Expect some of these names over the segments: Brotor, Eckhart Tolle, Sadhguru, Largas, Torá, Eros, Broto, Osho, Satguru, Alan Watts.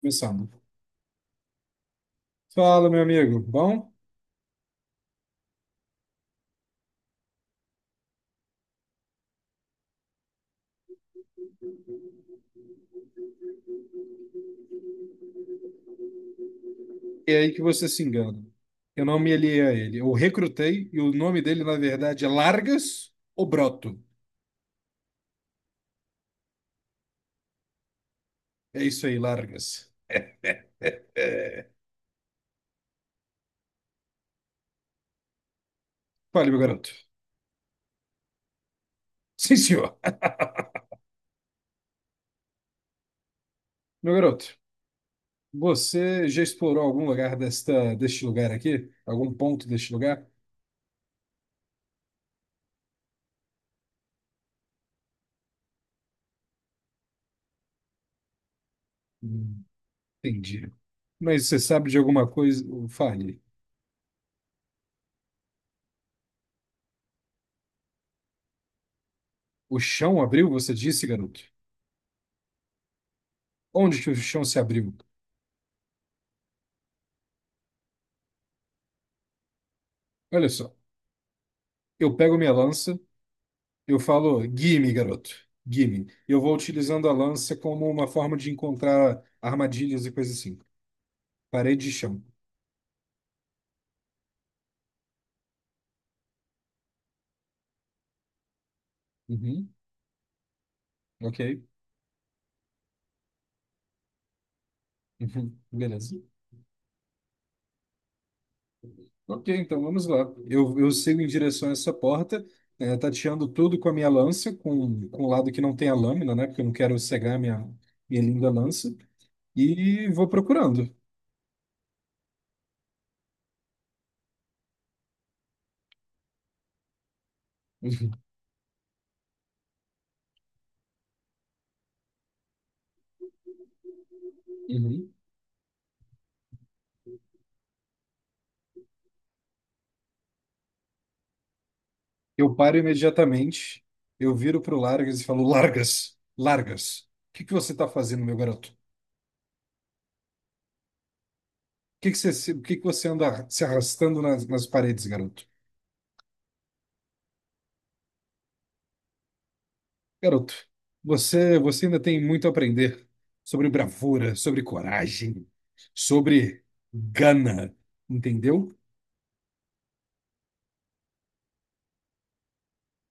Começando. Fala, meu amigo. Bom, é aí que você se engana. Eu não me aliei a ele. Eu recrutei e o nome dele, na verdade, é Largas ou Broto. É isso aí, Largas. Fale, meu garoto. Sim, senhor. Meu garoto, você já explorou algum lugar deste lugar aqui? Algum ponto deste lugar? Hum, entendi. Mas você sabe de alguma coisa? Fale. O chão abriu, você disse, garoto? Onde que o chão se abriu? Olha só. Eu pego minha lança, eu falo, gimme, garoto, gimme. E eu vou utilizando a lança como uma forma de encontrar armadilhas e coisas assim. Parede e chão. Uhum, ok. Uhum, beleza. Ok, então vamos lá. Eu sigo em direção a essa porta, tateando tudo com a minha lança, com o lado que não tem a lâmina, né? Porque eu não quero cegar minha linda lança. E vou procurando. Eu paro imediatamente, eu viro pro Largas e falo, Largas, Largas, o que que você está fazendo, meu garoto? O que que você, o que que você anda se arrastando nas paredes, garoto? Garoto, você ainda tem muito a aprender sobre bravura, sobre coragem, sobre gana, entendeu?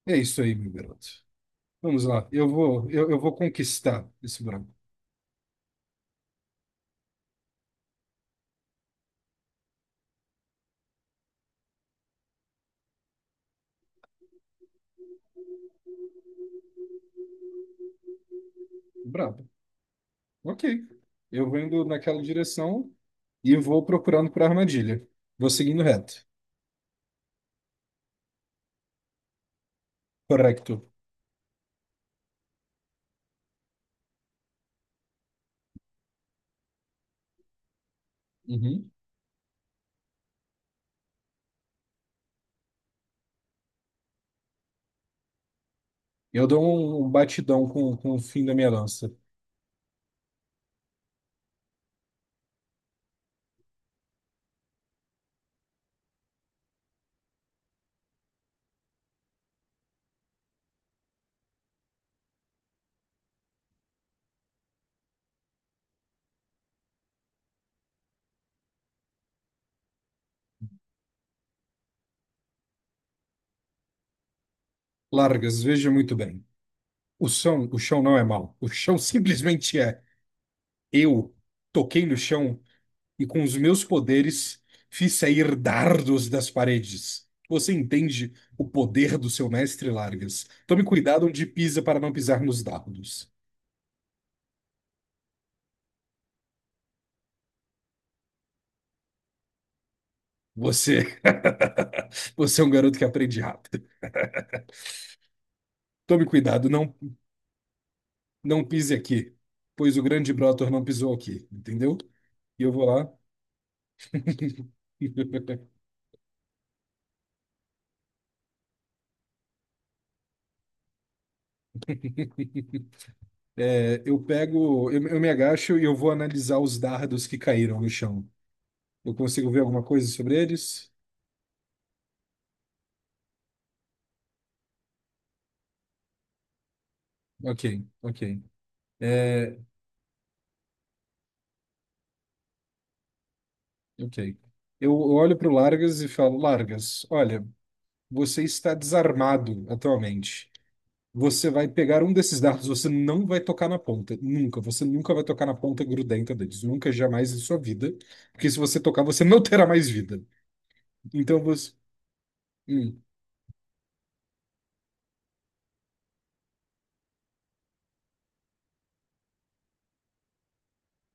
É isso aí, meu garoto. Vamos lá, eu vou conquistar esse brabo. Brabo. Ok. Eu vou indo naquela direção e vou procurando por armadilha. Vou seguindo reto. Correto. Uhum. Eu dou um batidão com o fim da minha lança. Largas, veja muito bem. O chão não é mau. O chão simplesmente é. Eu toquei no chão e com os meus poderes fiz sair dardos das paredes. Você entende o poder do seu mestre Largas. Tome cuidado onde pisa para não pisar nos dardos. Você, você é um garoto que aprende rápido. Tome cuidado, não pise aqui, pois o grande Brotor não pisou aqui, entendeu? E eu vou lá. É, eu me agacho e eu vou analisar os dardos que caíram no chão. Eu consigo ver alguma coisa sobre eles? Ok, ok. É, ok. Eu olho para o Largas e falo, Largas, olha, você está desarmado atualmente. Você vai pegar um desses dardos, você não vai tocar na ponta. Nunca. Você nunca vai tocar na ponta grudenta deles. Nunca, jamais em sua vida. Porque se você tocar, você não terá mais vida. Então você. Hum,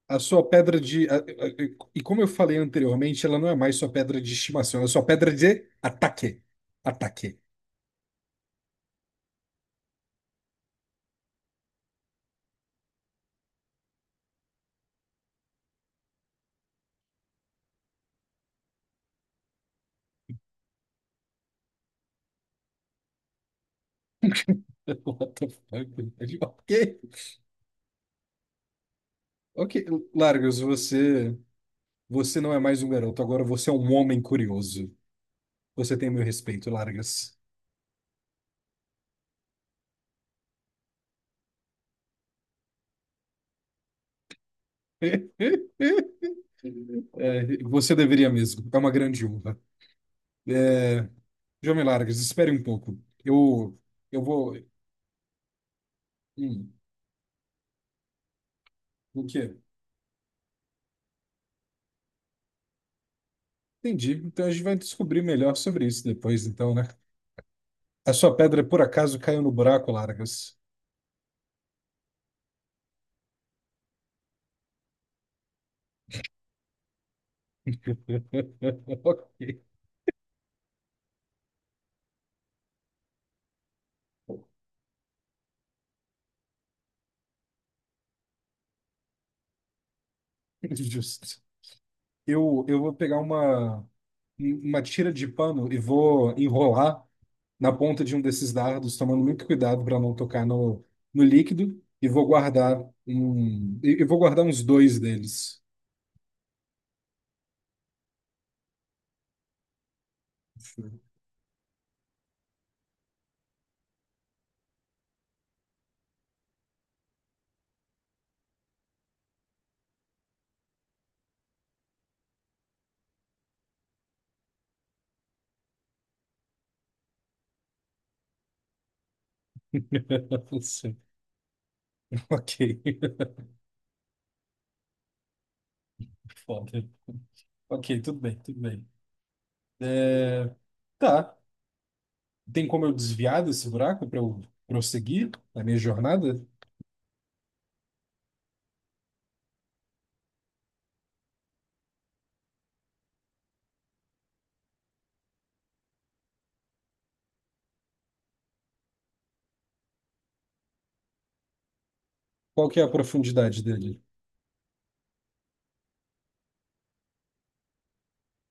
a sua pedra de. E como eu falei anteriormente, ela não é mais sua pedra de estimação, ela é sua pedra de ataque. Ataque. What the fuck? Ok. Ok, Largos, você não é mais um garoto, agora você é um homem curioso. Você tem meu respeito, Largas. É, você deveria mesmo, é uma grande honra. É, jovem Largas, espere um pouco. Eu, eu vou. Hum, o quê? Entendi. Então a gente vai descobrir melhor sobre isso depois, então, né? A sua pedra por acaso caiu no buraco, Largas? Ok, justo. Eu vou pegar uma tira de pano e vou enrolar na ponta de um desses dardos, tomando muito cuidado para não tocar no líquido, e vou guardar e vou guardar uns dois deles. Sim. Ok, foda. Ok, tudo bem, tudo bem. É, tá. Tem como eu desviar desse buraco para eu prosseguir a minha jornada? Qual que é a profundidade dele?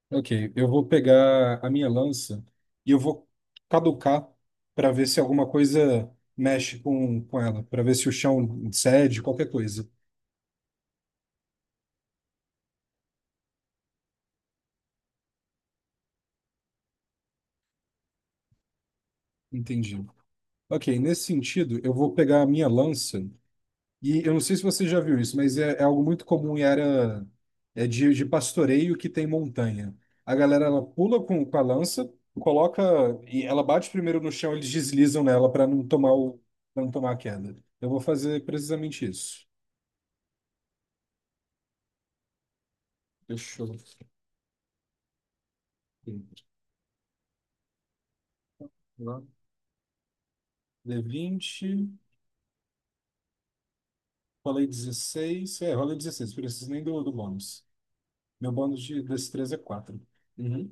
Ok, eu vou pegar a minha lança e eu vou caducar para ver se alguma coisa mexe com ela, para ver se o chão cede, qualquer coisa. Entendi. Ok, nesse sentido, eu vou pegar a minha lança e eu não sei se você já viu isso, mas é, é algo muito comum em área é de pastoreio que tem montanha. A galera ela pula com a lança, coloca e ela bate primeiro no chão, eles deslizam nela para não tomar para não tomar a queda. Eu vou fazer precisamente isso. Deixa eu ver. D20. Falei 16. É, rolei 16. Preciso nem do bônus. Meu bônus de destreza é 4. Uhum.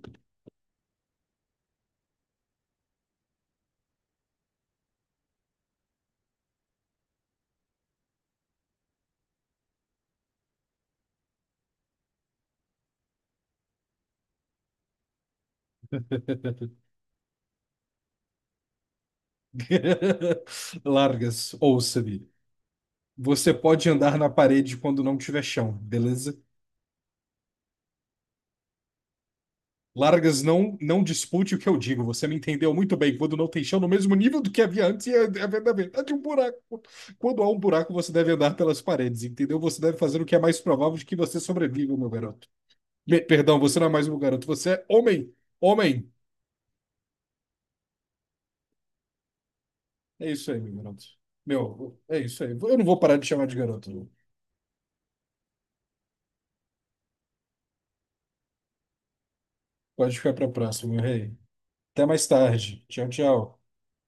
Largas, ouça-me. Você pode andar na parede quando não tiver chão, beleza? Largas, não dispute o que eu digo. Você me entendeu muito bem. Quando não tem chão, no mesmo nível do que havia antes, é a verdade é de um buraco. Quando há um buraco, você deve andar pelas paredes, entendeu? Você deve fazer o que é mais provável de que você sobreviva, meu garoto. Perdão, você não é mais um garoto, você é homem. Homem. É isso aí, meu garoto. Meu, é isso aí. Eu não vou parar de chamar de garoto. Pode ficar para a próxima, meu rei. Até mais tarde. Tchau, tchau.